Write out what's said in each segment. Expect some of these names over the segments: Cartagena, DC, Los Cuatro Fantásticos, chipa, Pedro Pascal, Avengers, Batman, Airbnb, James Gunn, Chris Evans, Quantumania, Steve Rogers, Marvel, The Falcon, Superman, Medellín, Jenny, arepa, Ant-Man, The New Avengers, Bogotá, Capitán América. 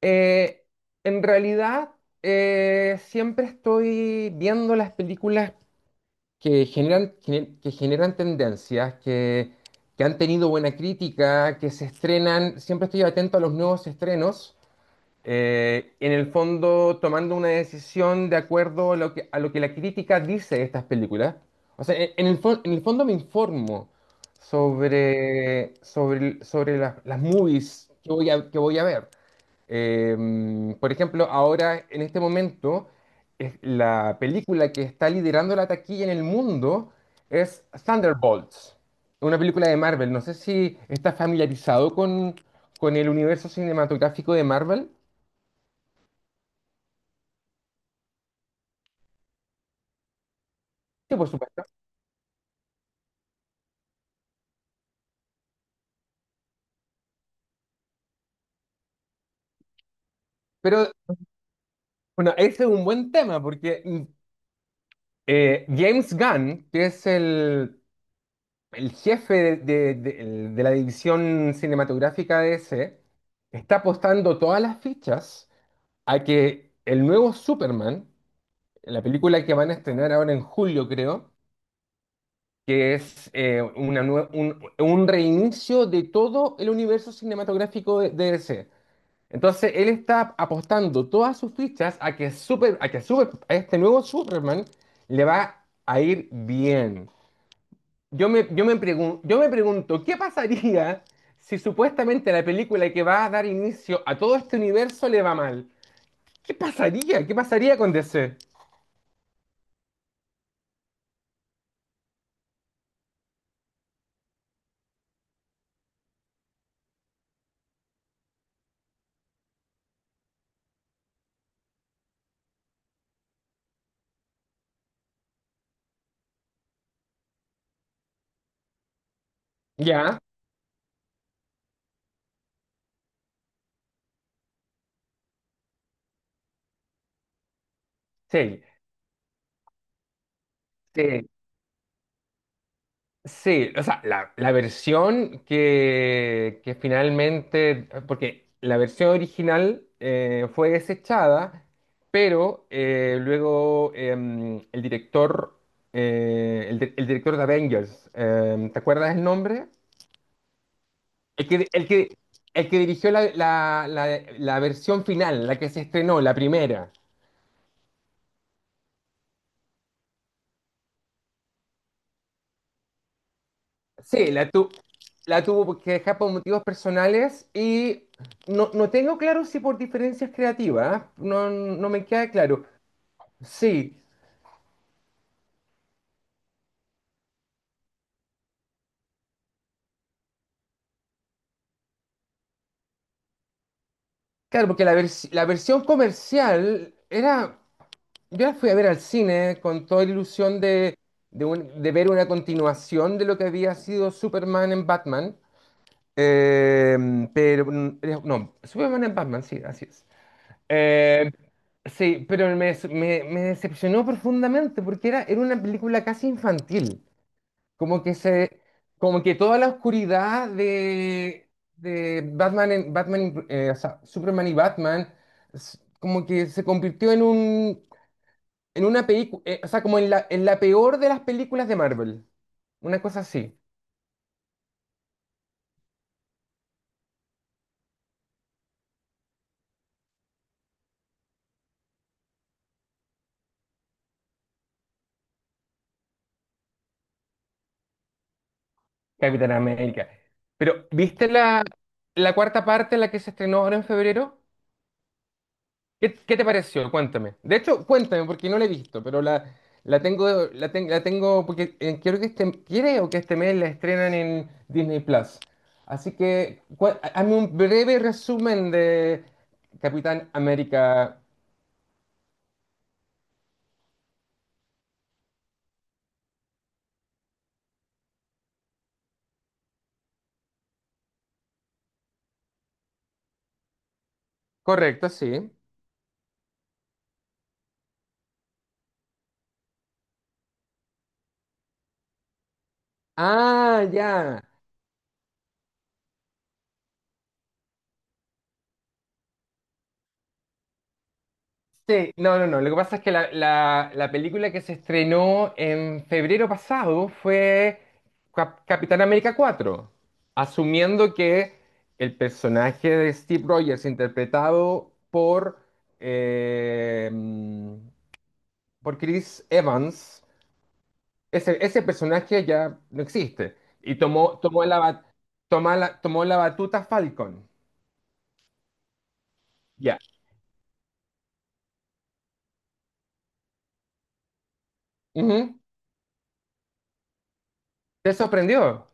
Eh, en realidad, siempre estoy viendo las películas que que generan tendencias, que han tenido buena crítica, que se estrenan. Siempre estoy atento a los nuevos estrenos. En el fondo, tomando una decisión de acuerdo a a lo que la crítica dice de estas películas. O sea, en el fondo me informo sobre las movies que que voy a ver. Eh, por ejemplo, ahora en este momento, la película que está liderando la taquilla en el mundo es Thunderbolts, una película de Marvel. No sé si estás familiarizado con el universo cinematográfico de Marvel. Sí, por supuesto. Pero bueno, ese es un buen tema porque James Gunn, que es el jefe de la división cinematográfica de ese, está apostando todas las fichas a que el nuevo Superman, la película que van a estrenar ahora en julio, creo, que es una un reinicio de todo el universo cinematográfico de DC. Entonces, él está apostando todas sus fichas a a este nuevo Superman le va a ir bien. Yo me pregunto, ¿qué pasaría si supuestamente la película que va a dar inicio a todo este universo le va mal? ¿Qué pasaría? ¿Qué pasaría con DC? Ya, sí, sí, sí. O sea, la versión que finalmente, porque la versión original fue desechada, pero luego em, el director, el, di- el director de Avengers, ¿te acuerdas el nombre? El que, el que, el que dirigió la versión final, la que se estrenó, la primera. Sí, la tuvo que dejar por motivos personales y no, no tengo claro si por diferencias creativas, ¿eh? No, no me queda claro. Sí, claro, porque la versión comercial era, yo la fui a ver al cine con toda la ilusión de ver una continuación de lo que había sido Superman en Batman. Eh, no, Superman en Batman, sí, así es. Em, Sí, pero me decepcionó profundamente porque era, era una película casi infantil. Como que se, Como que toda la oscuridad de Batman, o sea, Superman y Batman, como que se convirtió en un, en una película, o sea, como en la peor de las películas de Marvel. Una cosa así, Capitán América. Pero, ¿viste la cuarta parte, la que se estrenó ahora en febrero? ¿Qué, qué te pareció? Cuéntame. De hecho, cuéntame, porque no la he visto, pero la tengo, porque quiero que este mes la estrenan en Disney Plus. Así que, hazme un breve resumen de Capitán América. Correcto, sí. Ah, ya. Sí, no, no, no. Lo que pasa es que la película que se estrenó en febrero pasado fue Capitán América cuatro, asumiendo que el personaje de Steve Rogers, interpretado eh, por Chris Evans, ese personaje ya no existe. Y tomó, tomó la, ba- toma la- tomó la batuta Falcon. Ya. Ujú. ¿Te sorprendió?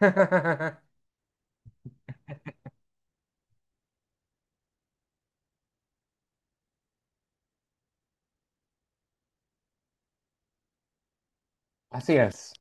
Así es.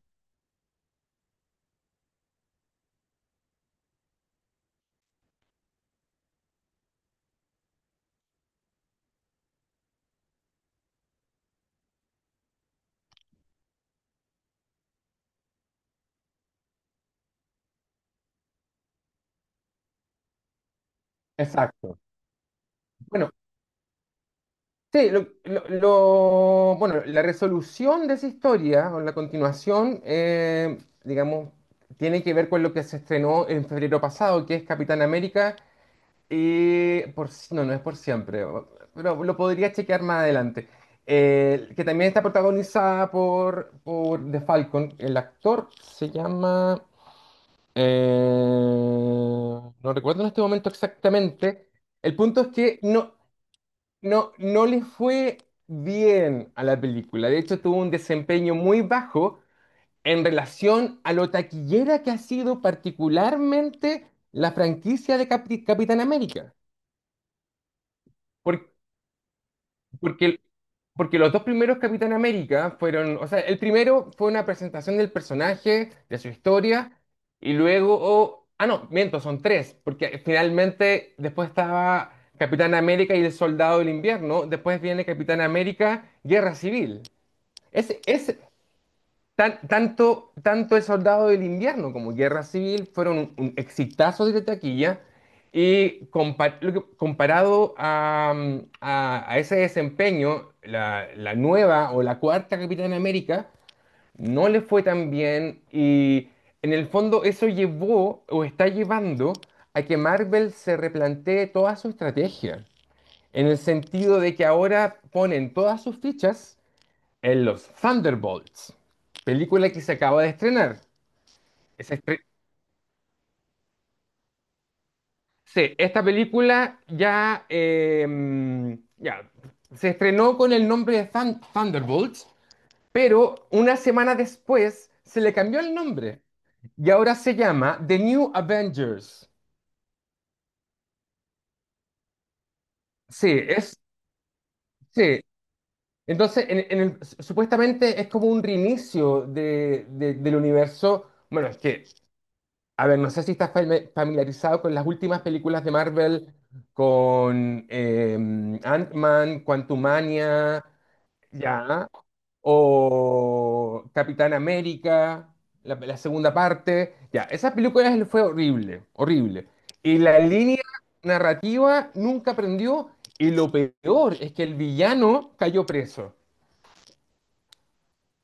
Exacto. Bueno, sí, bueno, la resolución de esa historia o la continuación, digamos, tiene que ver con lo que se estrenó en febrero pasado, que es Capitán América, y por, si- no, no es por siempre, pero lo podría chequear más adelante. Que también está protagonizada por The Falcon. El actor se llama, no recuerdo en este momento exactamente. El punto es que no. No, no le fue bien a la película. De hecho, tuvo un desempeño muy bajo en relación a lo taquillera que ha sido particularmente la franquicia de Capitán América. Por- Porque, porque los dos primeros Capitán América fueron, o sea, el primero fue una presentación del personaje, de su historia, y luego, oh, ah, no, miento, son tres, porque finalmente después estaba Capitán América y el Soldado del Invierno, después viene Capitán América, Guerra Civil. Es, es Tanto tanto El Soldado del Invierno como Guerra Civil fueron un exitazo de taquilla y comparado a, a ese desempeño, la nueva o la cuarta Capitán América no le fue tan bien y en el fondo eso llevó o está llevando a que Marvel se replantee toda su estrategia, en el sentido de que ahora ponen todas sus fichas en los Thunderbolts, película que se acaba de estrenar. Es estre- sí, esta película ya, ya se estrenó con el nombre de Thunderbolts, pero una semana después se le cambió el nombre y ahora se llama The New Avengers. Sí, es, sí. Entonces, supuestamente es como un reinicio del universo. Bueno, es que a ver, no sé si estás familiarizado con las últimas películas de Marvel, con Ant-Man, Quantumania, ya, o Capitán América, la segunda parte, ya. Esa película fue horrible, horrible. Y la línea narrativa nunca prendió, y lo peor es que el villano cayó preso.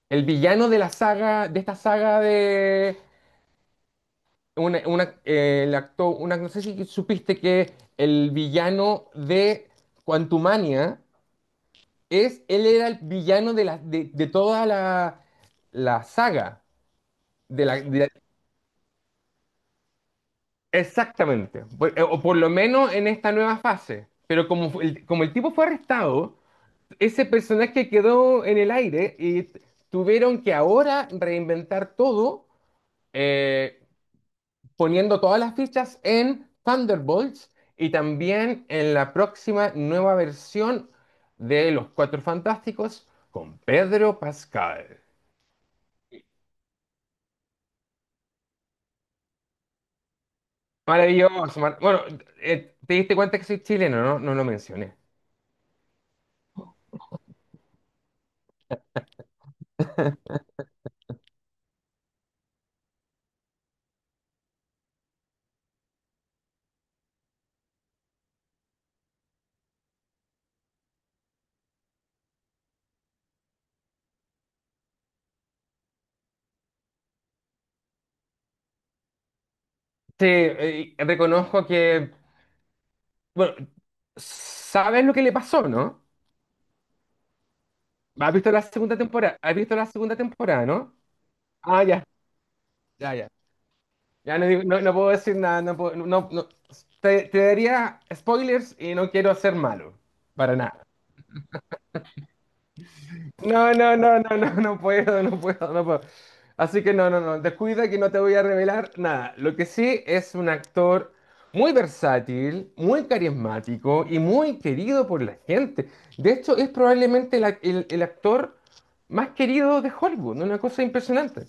El villano de la saga, de esta saga no sé si supiste que el villano de Quantumania es, él era el villano de, de toda la saga. De la, de la- Exactamente, o por lo menos en esta nueva fase. Pero como, como el tipo fue arrestado, ese personaje quedó en el aire y tuvieron que ahora reinventar todo. eh, Poniendo todas las fichas en Thunderbolts y también en la próxima nueva versión de Los Cuatro Fantásticos con Pedro Pascal. Maravilloso. Bueno, te diste cuenta que soy chileno, ¿no? No lo mencioné. Sí, reconozco que, bueno, sabes lo que le pasó, ¿no? ¿Has visto la segunda temporada? ¿Has visto la segunda temporada, no? Ah, ya, ya, ya. Ya no, no, no puedo decir nada, te, te daría spoilers y no quiero ser malo, para nada. No, no, no, no, no, no puedo, no puedo, no puedo. Así que no, no, no, descuida que no te voy a revelar nada. Lo que sí es un actor muy versátil, muy carismático y muy querido por la gente. De hecho, es probablemente el actor más querido de Hollywood, ¿no? Una cosa impresionante.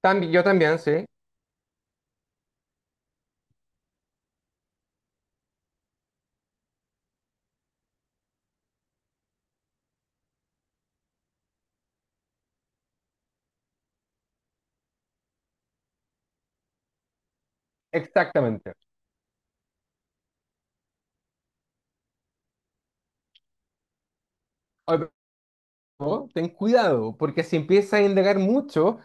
También, yo también, sí, exactamente. ¿No? Ten cuidado, porque si empiezas a indagar mucho,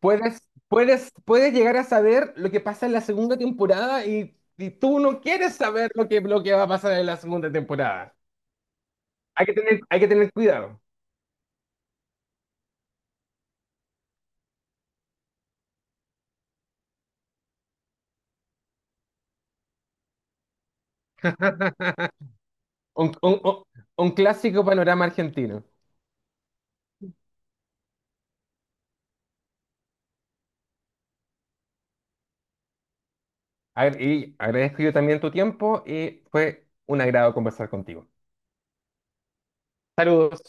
puedes, puedes llegar a saber lo que pasa en la segunda temporada y tú no quieres saber lo que va a pasar en la segunda temporada. Hay que tener cuidado. Un, un- un- un clásico panorama argentino. A ver, y agradezco yo también tu tiempo y fue un agrado conversar contigo. Saludos.